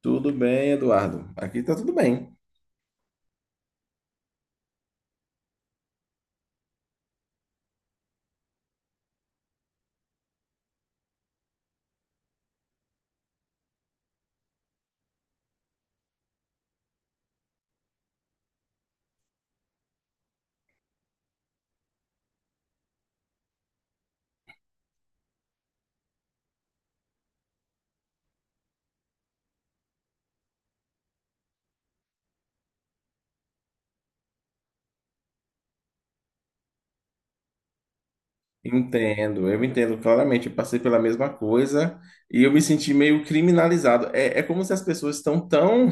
Tudo bem, Eduardo? Aqui tá tudo bem. Entendo, eu entendo claramente. Eu passei pela mesma coisa e eu me senti meio criminalizado. É como se as pessoas estão tão,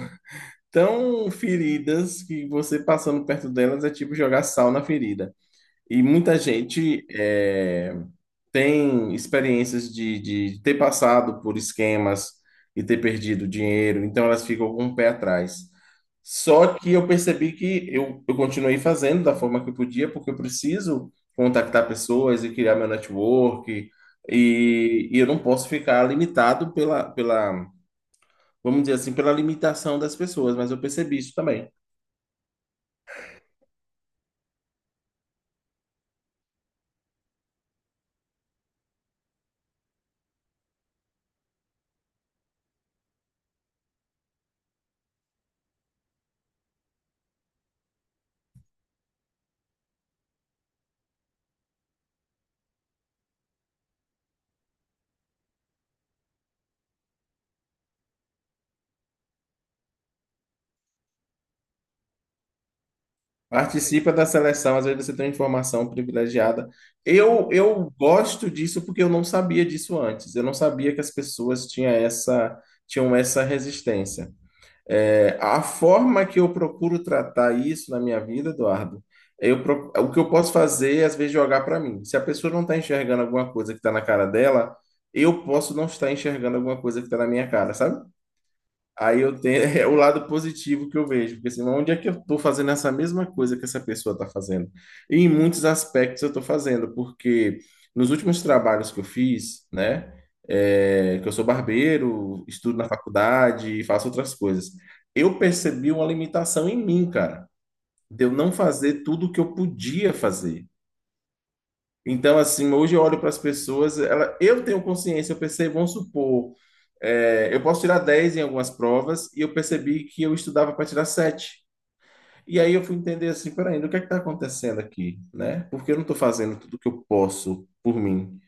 tão feridas que você passando perto delas é tipo jogar sal na ferida. E muita gente é, tem experiências de ter passado por esquemas e ter perdido dinheiro, então elas ficam com o pé atrás. Só que eu percebi que eu continuei fazendo da forma que eu podia, porque eu preciso contactar pessoas e criar meu network, e eu não posso ficar limitado vamos dizer assim, pela limitação das pessoas, mas eu percebi isso também. Participa da seleção, às vezes você tem uma informação privilegiada. Eu gosto disso porque eu não sabia disso antes. Eu não sabia que as pessoas tinham essa resistência. É, a forma que eu procuro tratar isso na minha vida, Eduardo, eu, o que eu posso fazer é, às vezes, jogar para mim. Se a pessoa não está enxergando alguma coisa que está na cara dela, eu posso não estar enxergando alguma coisa que está na minha cara, sabe? Aí eu tenho é o lado positivo que eu vejo, porque assim, onde é que eu estou fazendo essa mesma coisa que essa pessoa está fazendo? E em muitos aspectos eu estou fazendo, porque nos últimos trabalhos que eu fiz, né, é, que eu sou barbeiro, estudo na faculdade e faço outras coisas, eu percebi uma limitação em mim, cara, de eu não fazer tudo o que eu podia fazer. Então, assim, hoje eu olho para as pessoas, ela, eu tenho consciência, eu percebo, vamos supor, é, eu posso tirar 10 em algumas provas e eu percebi que eu estudava para tirar sete. E aí eu fui entender assim, peraí, o que é que está acontecendo aqui, né? Porque eu não estou fazendo tudo que eu posso por mim.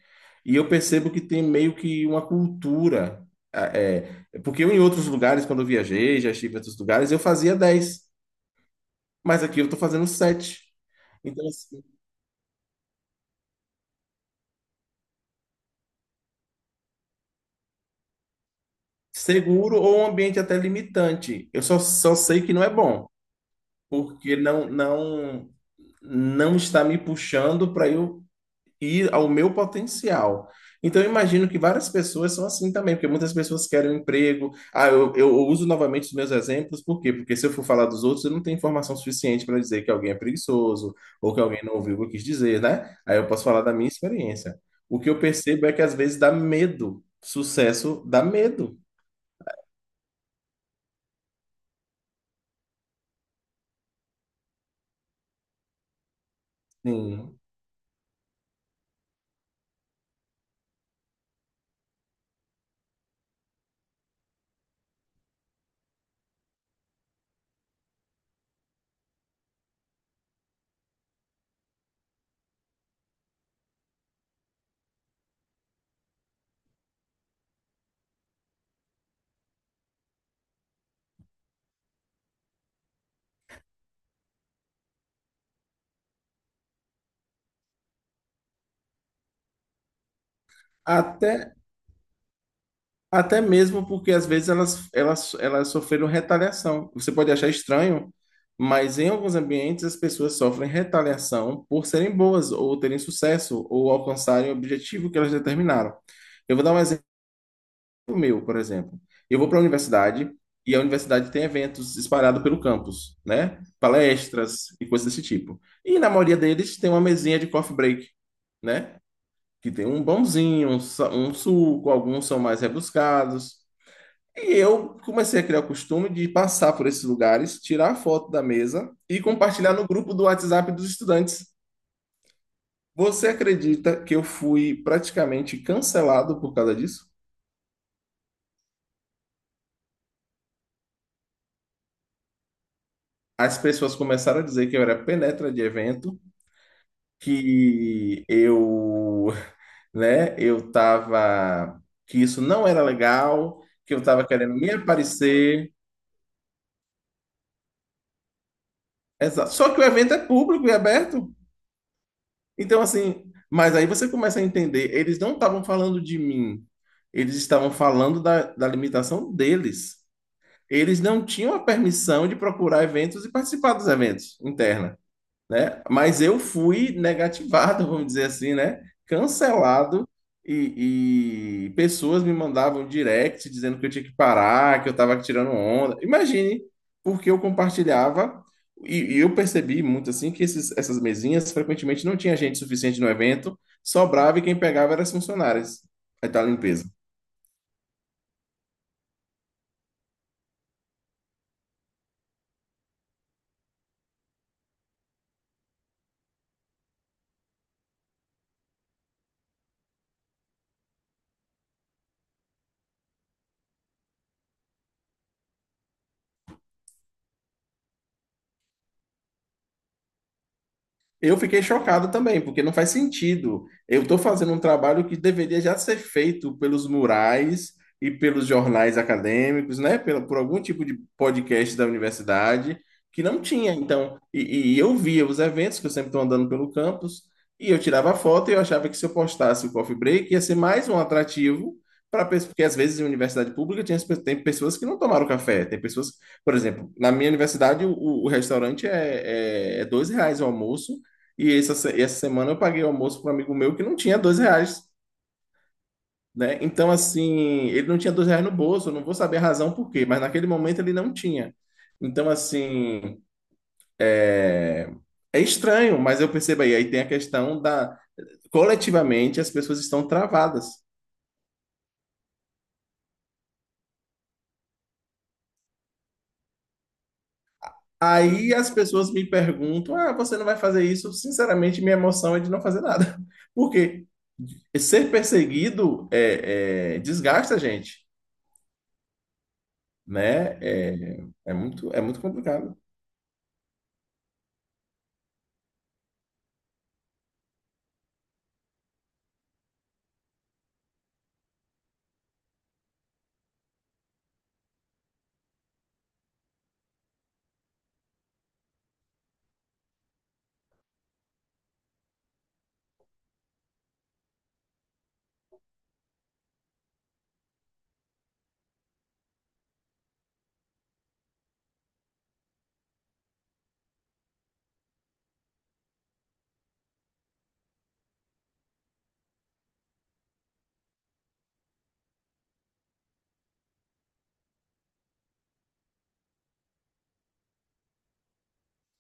E eu percebo que tem meio que uma cultura, porque eu em outros lugares, quando eu viajei, já estive em outros lugares, eu fazia 10, mas aqui eu estou fazendo sete. Então, assim, seguro ou um ambiente até limitante. Eu só sei que não é bom, porque não não está me puxando para eu ir ao meu potencial. Então, eu imagino que várias pessoas são assim também, porque muitas pessoas querem um emprego. Ah, eu uso novamente os meus exemplos, por quê? Porque se eu for falar dos outros, eu não tenho informação suficiente para dizer que alguém é preguiçoso ou que alguém não ouviu o que eu quis dizer, né? Aí eu posso falar da minha experiência. O que eu percebo é que às vezes dá medo. Sucesso dá medo. Sim. Até, até mesmo porque às vezes elas sofreram retaliação. Você pode achar estranho, mas em alguns ambientes as pessoas sofrem retaliação por serem boas, ou terem sucesso, ou alcançarem o objetivo que elas determinaram. Eu vou dar um exemplo meu, por exemplo. Eu vou para a universidade e a universidade tem eventos espalhados pelo campus, né? Palestras e coisas desse tipo. E na maioria deles tem uma mesinha de coffee break, né? Que tem um pãozinho, um, um suco, alguns são mais rebuscados. E eu comecei a criar o costume de passar por esses lugares, tirar a foto da mesa e compartilhar no grupo do WhatsApp dos estudantes. Você acredita que eu fui praticamente cancelado por causa disso? As pessoas começaram a dizer que eu era penetra de evento, que eu, né, eu tava, que isso não era legal, que eu tava querendo me aparecer. Exato. Só que o evento é público e aberto. Então, assim, mas aí você começa a entender, eles não estavam falando de mim, eles estavam falando da limitação deles. Eles não tinham a permissão de procurar eventos e participar dos eventos interna, né? Mas eu fui negativado, vamos dizer assim, né? Cancelado, e pessoas me mandavam um direct dizendo que eu tinha que parar, que eu estava tirando onda. Imagine, porque eu compartilhava, e eu percebi muito assim que essas mesinhas frequentemente não tinha gente suficiente no evento, sobrava e quem pegava eram as funcionárias da limpeza. Eu fiquei chocado também, porque não faz sentido. Eu estou fazendo um trabalho que deveria já ser feito pelos murais e pelos jornais acadêmicos, né? Por algum tipo de podcast da universidade, que não tinha. Então, e eu via os eventos, que eu sempre estou andando pelo campus, e eu tirava foto e eu achava que se eu postasse o coffee break ia ser mais um atrativo para pessoas, porque às vezes em universidade pública tinha, tem pessoas que não tomaram café, tem pessoas, por exemplo, na minha universidade o restaurante é R$ 2 o almoço e essa, essa semana eu paguei o almoço para um amigo meu que não tinha R$ 2, né? Então, assim, ele não tinha R$ 2 no bolso, eu não vou saber a razão por quê, mas naquele momento ele não tinha. Então, assim, é é estranho, mas eu percebo aí, aí tem a questão da, coletivamente as pessoas estão travadas. Aí as pessoas me perguntam, ah, você não vai fazer isso? Sinceramente, minha emoção é de não fazer nada. Porque ser perseguido desgasta a gente. Né? É muito complicado.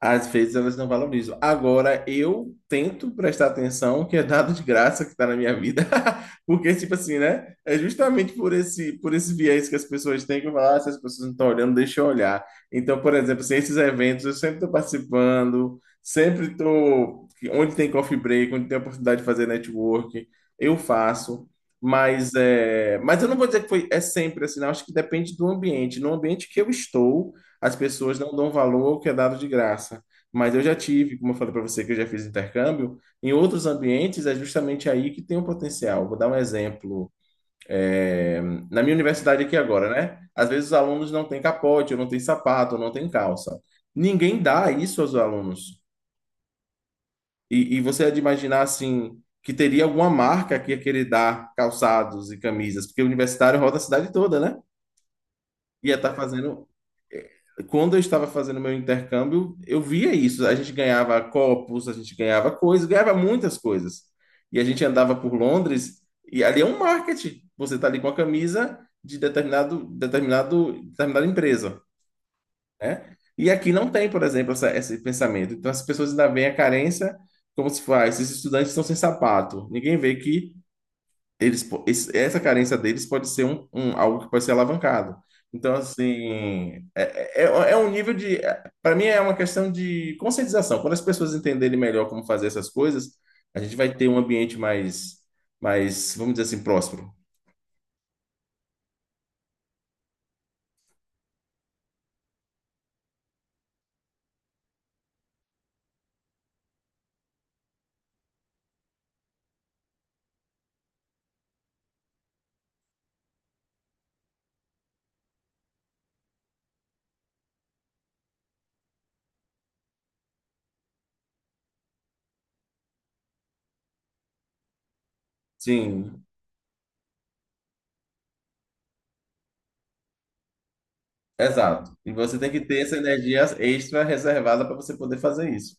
Às vezes elas não valorizam. Agora, eu tento prestar atenção que é dado de graça que está na minha vida. Porque, tipo assim, né? É justamente por esse viés que as pessoas têm que eu falo, ah, se as pessoas não estão olhando, deixa eu olhar. Então, por exemplo, assim, esses eventos eu sempre estou participando, sempre estou. Onde tem coffee break, onde tem oportunidade de fazer network, eu faço. Mas, é, mas eu não vou dizer que foi, é sempre assim, não. Acho que depende do ambiente. No ambiente que eu estou, as pessoas não dão valor ao que é dado de graça. Mas eu já tive, como eu falei para você, que eu já fiz intercâmbio, em outros ambientes é justamente aí que tem um potencial. Vou dar um exemplo. É, na minha universidade aqui agora, né? Às vezes os alunos não têm capote, ou não têm sapato, ou não têm calça. Ninguém dá isso aos alunos. E você é de imaginar assim que teria alguma marca que ia querer dar calçados e camisas, porque o universitário roda a cidade toda, né? Ia estar fazendo, quando eu estava fazendo meu intercâmbio, eu via isso. A gente ganhava copos, a gente ganhava coisas, ganhava muitas coisas. E a gente andava por Londres e ali é um marketing. Você está ali com a camisa de determinada empresa, né? E aqui não tem, por exemplo, esse pensamento. Então as pessoas ainda veem a carência como se fosse, ah, esses estudantes estão sem sapato. Ninguém vê que eles, essa carência deles pode ser um, algo que pode ser alavancado. Então, assim, é um nível de. Para mim, é uma questão de conscientização. Quando as pessoas entenderem melhor como fazer essas coisas, a gente vai ter um ambiente mais, vamos dizer assim, próspero. Sim, exato. E você tem que ter essa energia extra reservada para você poder fazer isso.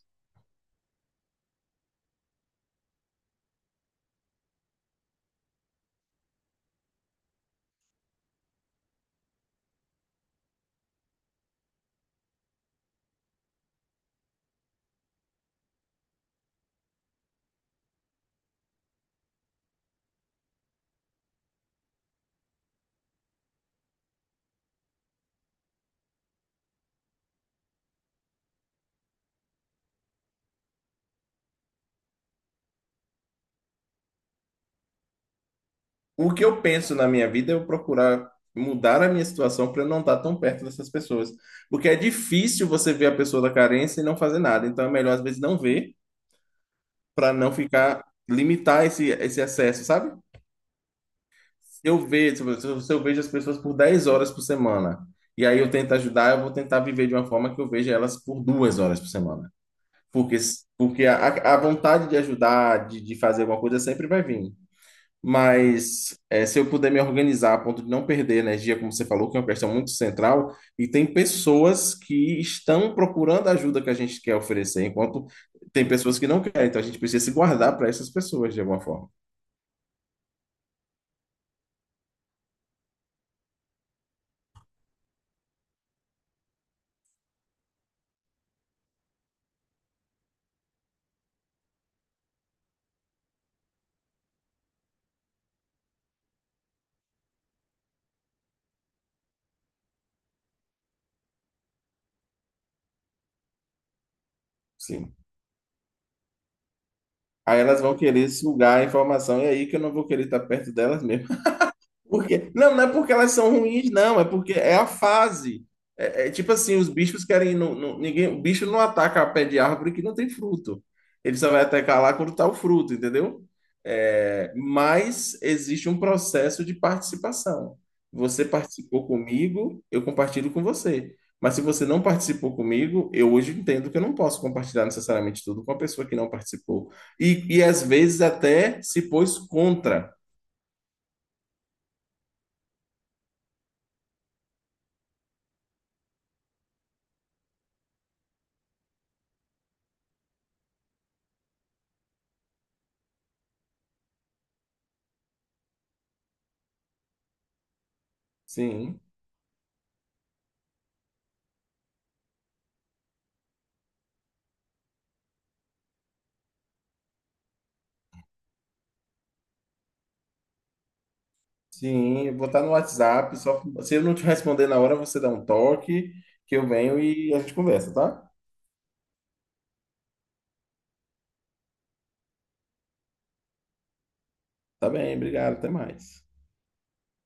O que eu penso na minha vida é eu procurar mudar a minha situação para eu não estar tão perto dessas pessoas. Porque é difícil você ver a pessoa da carência e não fazer nada. Então é melhor, às vezes, não ver para não ficar, limitar esse acesso, sabe? Se eu vejo, se eu vejo as pessoas por 10 horas por semana e aí eu tento ajudar, eu vou tentar viver de uma forma que eu veja elas por 2 horas por semana. Porque, porque a vontade de ajudar, de fazer alguma coisa sempre vai vir. Mas é, se eu puder me organizar a ponto de não perder energia, como você falou, que é uma questão muito central, e tem pessoas que estão procurando a ajuda que a gente quer oferecer, enquanto tem pessoas que não querem, então a gente precisa se guardar para essas pessoas de alguma forma. Sim. Aí elas vão querer sugar a informação, e é aí que eu não vou querer estar perto delas mesmo. Porque, não, não é porque elas são ruins, não, é porque é a fase. É, é tipo assim, os bichos querem. Não, ninguém, o bicho não ataca a pé de árvore que não tem fruto. Ele só vai atacar lá quando tá o fruto, entendeu? É, mas existe um processo de participação. Você participou comigo, eu compartilho com você. Mas se você não participou comigo, eu hoje entendo que eu não posso compartilhar necessariamente tudo com a pessoa que não participou. E às vezes até se pôs contra. Sim. Sim, botar no WhatsApp. Só, se eu não te responder na hora, você dá um toque, que eu venho e a gente conversa, tá? Tá bem, obrigado, até mais.